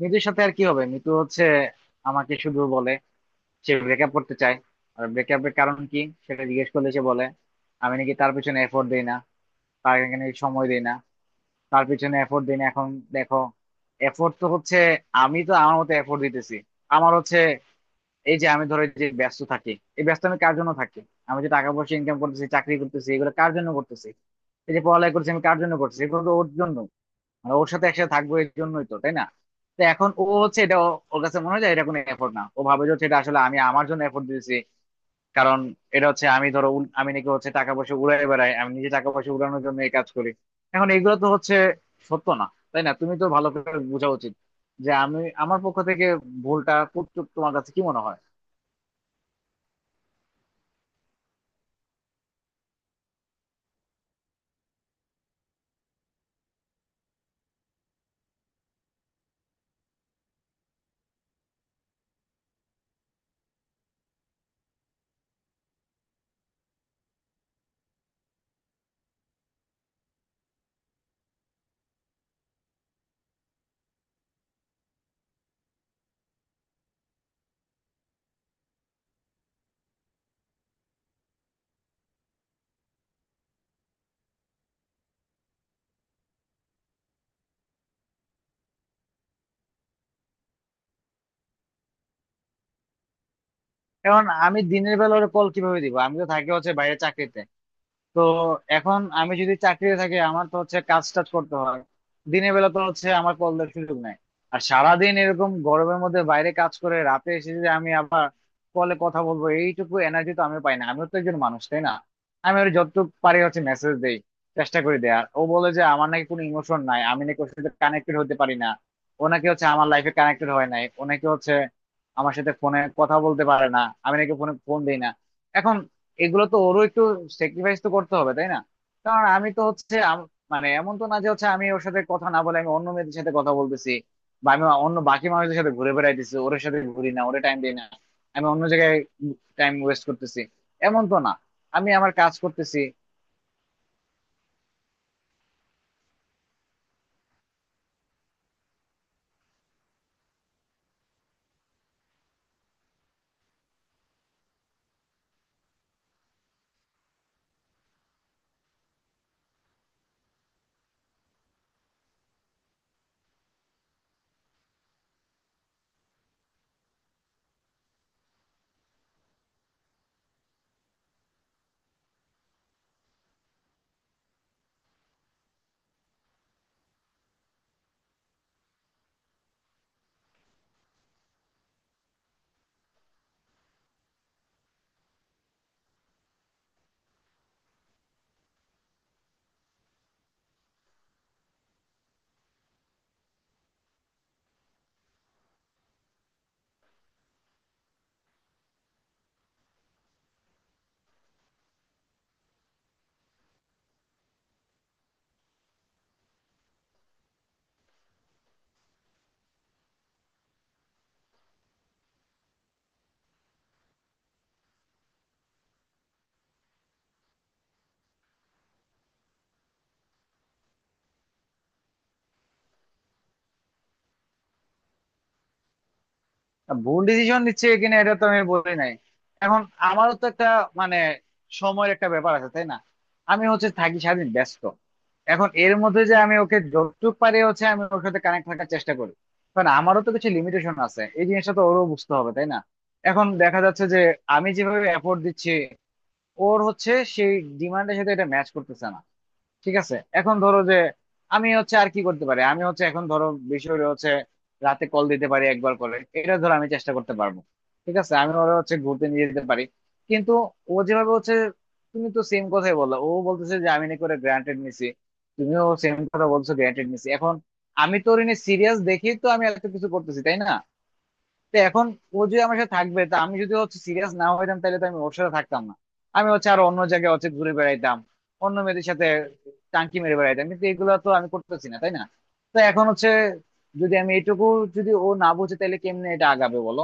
মিতুর সাথে আর কি হবে? মিতু হচ্ছে আমাকে শুধু বলে সে ব্রেকআপ করতে চায়। আর ব্রেকআপের কারণ কি সেটা জিজ্ঞেস করলে সে বলে আমি নাকি তার পিছনে এফোর্ট দেই না, তার এখানে সময় দেই না, তার পিছনে এফোর্ট দেই না। এখন দেখো, এফোর্ট তো হচ্ছে, আমি তো আমার মতো এফোর্ট দিতেছি। আমার হচ্ছে এই যে আমি ধরো যে ব্যস্ত থাকি, এই ব্যস্ত আমি কার জন্য থাকি? আমি যে টাকা পয়সা ইনকাম করতেছি, চাকরি করতেছি, এগুলো কার জন্য করতেছি? এই যে পড়ালেখা করছি আমি কার জন্য করছি? এগুলো তো ওর জন্য। মানে ওর সাথে একসাথে থাকবো এর জন্যই তো, তাই না? তো এখন ও হচ্ছে এটা ওর কাছে মনে হয় যে এটা কোনো এফোর্ট না। ও ভাবে যে হচ্ছে এটা আসলে আমি আমার জন্য এফোর্ট দিয়েছি। কারণ এটা হচ্ছে আমি ধরো আমি নাকি হচ্ছে টাকা পয়সা উড়াই বেড়াই, আমি নিজে টাকা পয়সা উড়ানোর জন্য এই কাজ করি। এখন এগুলো তো হচ্ছে সত্য না, তাই না? তুমি তো ভালো করে বোঝা উচিত যে আমি আমার পক্ষ থেকে ভুলটা করতে তোমার কাছে কি মনে হয়? এখন আমি দিনের বেলা ওর কল কিভাবে দিব? আমি তো থাকি হচ্ছে বাইরে চাকরিতে। তো এখন আমি যদি চাকরিতে থাকি আমার তো হচ্ছে কাজ টাজ করতে হয়। দিনের বেলা তো হচ্ছে আমার কল দেওয়ার সুযোগ নাই। আর সারাদিন এরকম গরমের মধ্যে বাইরে কাজ করে রাতে এসে যদি আমি আবার কলে কথা বলবো, এইটুকু এনার্জি তো আমি পাই না। আমিও তো একজন মানুষ, তাই না? আমি ওর যতটুকু পারি হচ্ছে মেসেজ দেই, চেষ্টা করি দেয়ার। ও বলে যে আমার নাকি কোনো ইমোশন নাই, আমি নাকি ওর সাথে কানেক্টেড হতে পারি না, ও নাকি হচ্ছে আমার লাইফে কানেক্টেড হয় নাই, ও নাকি হচ্ছে আমার সাথে ফোনে কথা বলতে পারে না, আমি নাকি ফোনে ফোন দিই না। এখন এগুলো তো ওরও একটু স্যাক্রিফাইস তো করতে হবে, তাই না? কারণ আমি তো হচ্ছে মানে এমন তো না যে হচ্ছে আমি ওর সাথে কথা না বলে আমি অন্য মেয়েদের সাথে কথা বলতেছি, বা আমি অন্য বাকি মানুষদের সাথে ঘুরে বেড়াইতেছি, ওর সাথে ঘুরি না, ওরে টাইম দিই না, আমি অন্য জায়গায় টাইম ওয়েস্ট করতেছি, এমন তো না, আমি আমার কাজ করতেছি। ভুল ডিসিশন নিচ্ছে কিনা এটা তো আমি বলি নাই। এখন আমারও তো একটা মানে সময়ের একটা ব্যাপার আছে, তাই না? আমি হচ্ছে থাকি সারাদিন ব্যস্ত। এখন এর মধ্যে যে আমি ওকে যতটুকু পারি হচ্ছে আমি ওর সাথে কানেক্ট থাকার চেষ্টা করি। কারণ আমারও তো কিছু লিমিটেশন আছে, এই জিনিসটা তো ওরও বুঝতে হবে, তাই না? এখন দেখা যাচ্ছে যে আমি যেভাবে এফোর্ট দিচ্ছি ওর হচ্ছে সেই ডিমান্ডের সাথে এটা ম্যাচ করতেছে না। ঠিক আছে, এখন ধরো যে আমি হচ্ছে আর কি করতে পারি, আমি হচ্ছে এখন ধরো বিষয় হচ্ছে, রাতে কল দিতে পারি একবার করে, এটা ধরো আমি চেষ্টা করতে পারবো। ঠিক আছে, আমি ওরা হচ্ছে ঘুরতে নিয়ে যেতে পারি। কিন্তু ও যেভাবে হচ্ছে, তুমি তো সেম কথাই বললা, ও বলতেছে যে আমি নাকি করে গ্রান্টেড নিছি, তুমিও সেম কথা বলছো গ্রান্টেড নিছি। এখন আমি তো ওর সিরিয়াস দেখেই তো আমি এত কিছু করতেছি, তাই না? তো এখন ও যদি আমার সাথে থাকবে তা আমি যদি হচ্ছে সিরিয়াস না হইতাম তাহলে তো আমি ওর সাথে থাকতাম না, আমি হচ্ছে আরো অন্য জায়গায় হচ্ছে ঘুরে বেড়াইতাম, অন্য মেয়েদের সাথে টাঙ্কি মেরে বেড়াইতাম। কিন্তু এগুলো তো আমি করতেছি না, তাই না? তো এখন হচ্ছে, যদি আমি এটুকু, যদি ও না বুঝে তাহলে কেমনে এটা আগাবে, বলো?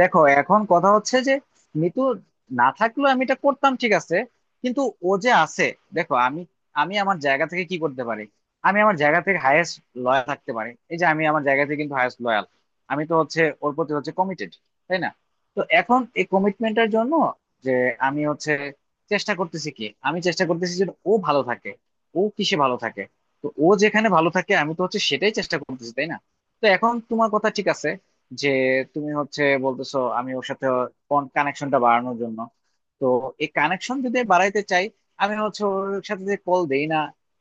দেখো এখন কথা হচ্ছে যে মিতু না থাকলেও আমি এটা করতাম, ঠিক আছে? কিন্তু ও যে আছে, দেখো, আমি আমি আমার জায়গা থেকে কি করতে পারি? আমি আমার জায়গা থেকে হায়েস্ট লয়াল থাকতে পারি। এই যে আমি আমার জায়গা থেকে কিন্তু হায়েস্ট লয়াল, আমি তো হচ্ছে ওর প্রতি হচ্ছে কমিটেড, তাই না? তো এখন এই কমিটমেন্টের জন্য যে আমি হচ্ছে চেষ্টা করতেছি, কি আমি চেষ্টা করতেছি? যে ও ভালো থাকে, ও কিসে ভালো থাকে। তো ও যেখানে ভালো থাকে আমি তো হচ্ছে সেটাই চেষ্টা করতেছি, তাই না? তো এখন তোমার কথা ঠিক আছে যে তুমি হচ্ছে বলতেছো আমি ওর সাথে কানেকশনটা বাড়ানোর জন্য। তো এই কানেকশন যদি বাড়াইতে চাই, আমি হচ্ছে ওর সাথে যে কল দেই না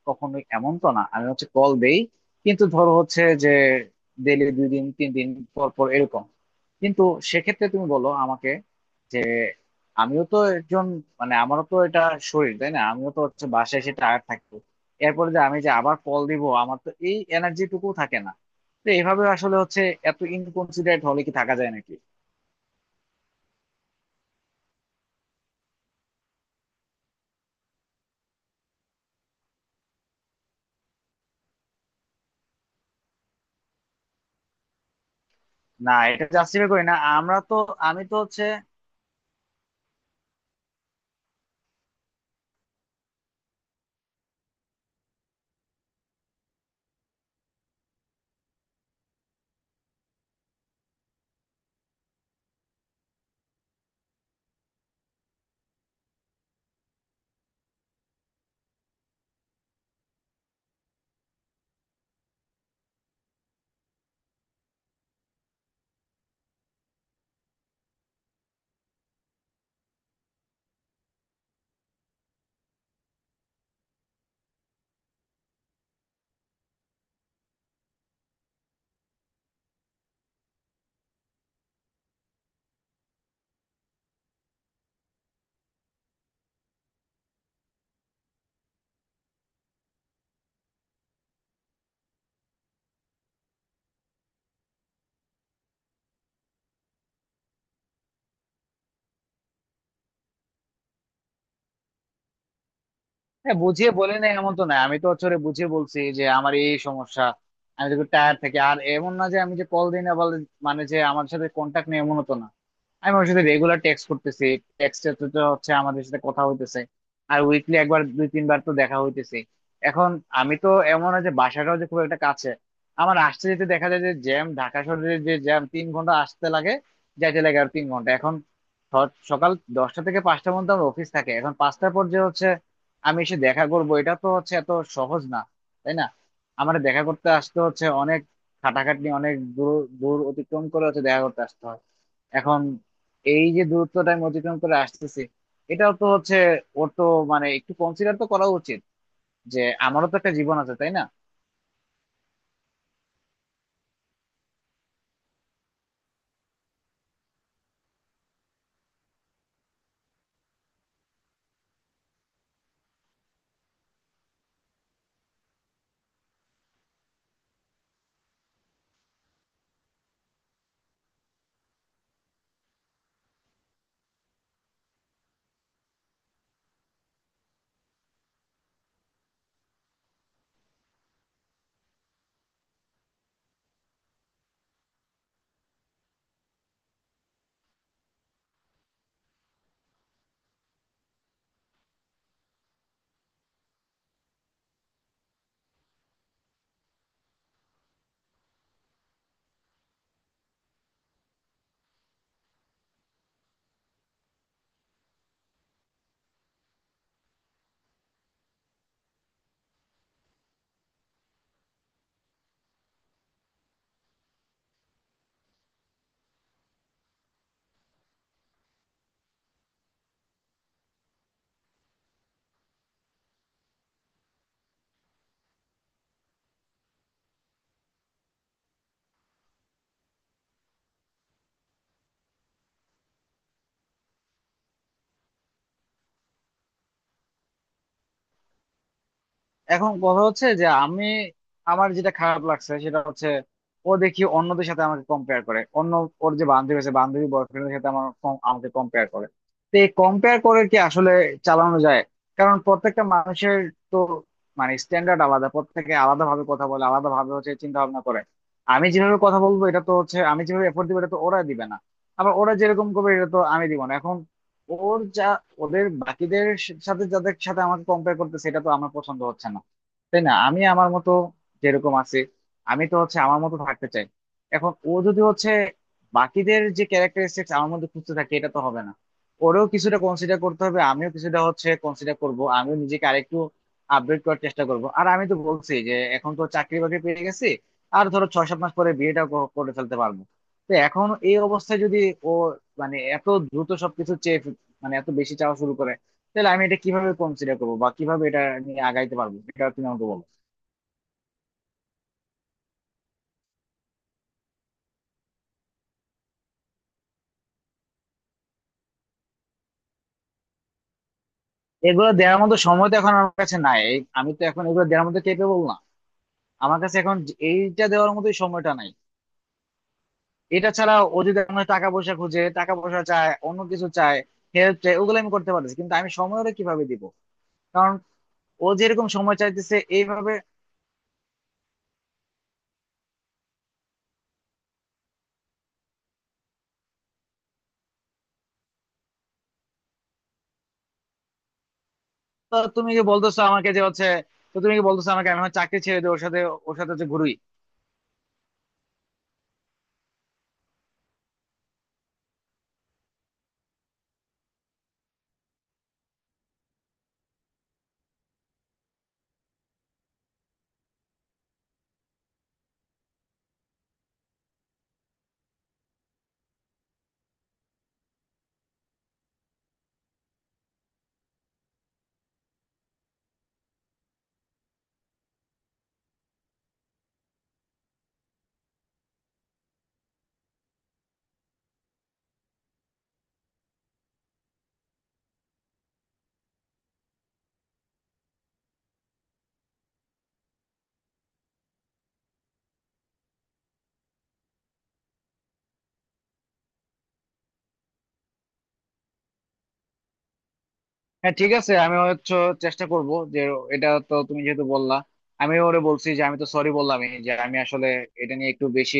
কখনোই, এমন তো না, আমি হচ্ছে কল দেই। কিন্তু ধরো হচ্ছে যে ডেলি 2-3 দিন পর পর এরকম। কিন্তু সেক্ষেত্রে তুমি বলো আমাকে যে আমিও তো একজন, মানে আমারও তো এটা শরীর, তাই না? আমিও তো হচ্ছে বাসায় এসে টায়ার্ড থাকবো, এরপরে যে আমি যে আবার কল দিব আমার তো এই এনার্জি টুকু থাকে না। তো এইভাবে আসলে হচ্ছে এত ইনকনসিডারেট হলে কি থাকা যায় নাকি? না এটা জাস্টিফাই করি না, আমরা তো আমি তো হচ্ছে। হ্যাঁ, বুঝিয়ে বলি না এমন তো না, আমি তো হচ্ছে ওরে বুঝিয়ে বলছি যে আমার এই সমস্যা, আমি তো টায়ার থেকে আর এমন না যে আমি যে কল দিই না বলে, মানে যে আমার সাথে কন্টাক্ট নেই, এমন তো না। আমি ওর সাথে রেগুলার টেক্সট করতেছি, টেক্সটে তো তো হচ্ছে আমাদের সাথে কথা হইতেছে। আর উইকলি একবার 2-3 বার তো দেখা হইতেছে। এখন আমি তো এমন হয় যে বাসাটাও যে খুব একটা কাছে, আমার আসতে যেতে দেখা যায় যে জ্যাম, ঢাকা শহরে যে জ্যাম 3 ঘন্টা আসতে লাগে, যাইতে লাগে আর 3 ঘন্টা। এখন সকাল 10টা থেকে 5টা পর্যন্ত আমার অফিস থাকে। এখন 5টার পর যে হচ্ছে আমি এসে দেখা করবো এটা তো হচ্ছে এত সহজ না, তাই না? আমার দেখা করতে আসতে হচ্ছে অনেক খাটাখাটনি, অনেক দূর দূর অতিক্রম করে হচ্ছে দেখা করতে আসতে হয়। এখন এই যে দূরত্বটা আমি অতিক্রম করে আসতেছি এটাও তো হচ্ছে ওর তো মানে একটু কনসিডার তো করা উচিত যে আমারও তো একটা জীবন আছে, তাই না? এখন কথা হচ্ছে যে আমি, আমার যেটা খারাপ লাগছে সেটা হচ্ছে ও দেখি অন্যদের সাথে আমাকে কম্পেয়ার করে। অন্য ওর যে বান্ধবী আছে বান্ধবী বয়ফ্রেন্ডের সাথে আমার আমাকে কম্পেয়ার করে। তো এই কম্পেয়ার করে কি আসলে চালানো যায়? কারণ প্রত্যেকটা মানুষের তো মানে স্ট্যান্ডার্ড আলাদা, প্রত্যেকে আলাদা ভাবে কথা বলে, আলাদা ভাবে হচ্ছে চিন্তা ভাবনা করে। আমি যেভাবে কথা বলবো এটা তো হচ্ছে, আমি যেভাবে এফোর্ট দিবো এটা তো ওরা দিবে না। আবার ওরা যেরকম করবে এটা তো আমি দিব না। এখন ওর যা, ওদের বাকিদের সাথে যাদের সাথে আমাকে কম্পেয়ার করতেছে এটা তো আমার পছন্দ হচ্ছে না, তাই না? আমি আমার মতো যেরকম আছে, আমি তো হচ্ছে আমার মতো থাকতে চাই। এখন ও যদি হচ্ছে বাকিদের যে ক্যারেক্টারিস্টিক্স আমার মধ্যে খুঁজতে থাকে এটা তো হবে না। ওরেও কিছুটা কনসিডার করতে হবে, আমিও কিছুটা হচ্ছে কনসিডার করব, আমিও নিজেকে আরেকটু আপডেট করার চেষ্টা করব। আর আমি তো বলছি যে এখন তো চাকরি বাকরি পেয়ে গেছি, আর ধরো 6-7 মাস পরে বিয়েটা করে ফেলতে পারবো। তো এখন এই অবস্থায় যদি ও মানে এত দ্রুত সবকিছু চেয়ে, মানে এত বেশি চাওয়া শুরু করে তাহলে আমি এটা কিভাবে কনসিডার করবো বা কিভাবে এটা নিয়ে আগাইতে পারবো, এটা তুমি আমাকে বলো। এগুলো দেওয়ার মতো সময় তো এখন আমার কাছে নাই। আমি তো এখন এগুলো দেওয়ার মতো কেপেবল না। আমার কাছে এখন এইটা দেওয়ার মতোই সময়টা নাই। এটা ছাড়া ও যদি আমার টাকা পয়সা খুঁজে, টাকা পয়সা চায়, অন্য কিছু চায়, হেল্প চায়, ওগুলো আমি করতে পারতেছি। কিন্তু আমি সময় ওরে কিভাবে দিব, কারণ ও যেরকম সময় চাইতেছে এইভাবে। তো তুমি কি বলতেছো আমাকে যে হচ্ছে, তো তুমি কি বলতেছো আমাকে আমি আমার চাকরি ছেড়ে দিয়ে ওর সাথে, ওর সাথে হচ্ছে ঘুরি? হ্যাঁ ঠিক আছে, আমি হচ্ছে চেষ্টা করব যে, এটা তো তুমি যেহেতু বললা, আমি ওরে বলছি যে আমি তো সরি বললামই যে আমি আসলে এটা নিয়ে একটু বেশি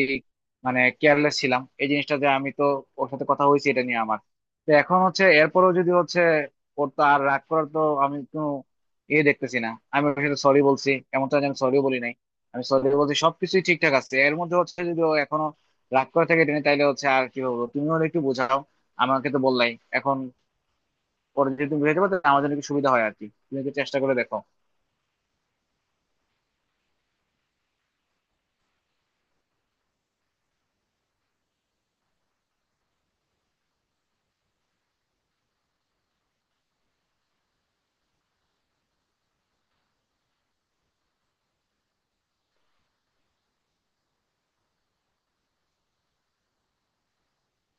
মানে কেয়ারলেস ছিলাম এই জিনিসটাতে। আমি তো ওর সাথে কথা হয়েছে এটা নিয়ে আমার। তো এখন হচ্ছে এরপরও যদি হচ্ছে, ওর তো আর রাগ করার তো আমি কোনো ইয়ে দেখতেছি না, আমি ওর সাথে সরি বলছি, এমনটা যে আমি সরিও বলি নাই, আমি সরি বলছি, সবকিছুই ঠিকঠাক আছে। এর মধ্যে হচ্ছে যদি ও এখনো রাগ করে থাকে এটা নিয়ে, তাইলে হচ্ছে আর কি বলবো, তুমি ওর একটু বোঝাও। আমাকে তো বললাই এখন, পরে যদি তুমি বুঝাইতে পারো তাহলে আমার জন্য একটু সুবিধা হয় আর কি, তুমি একটু চেষ্টা করে দেখো।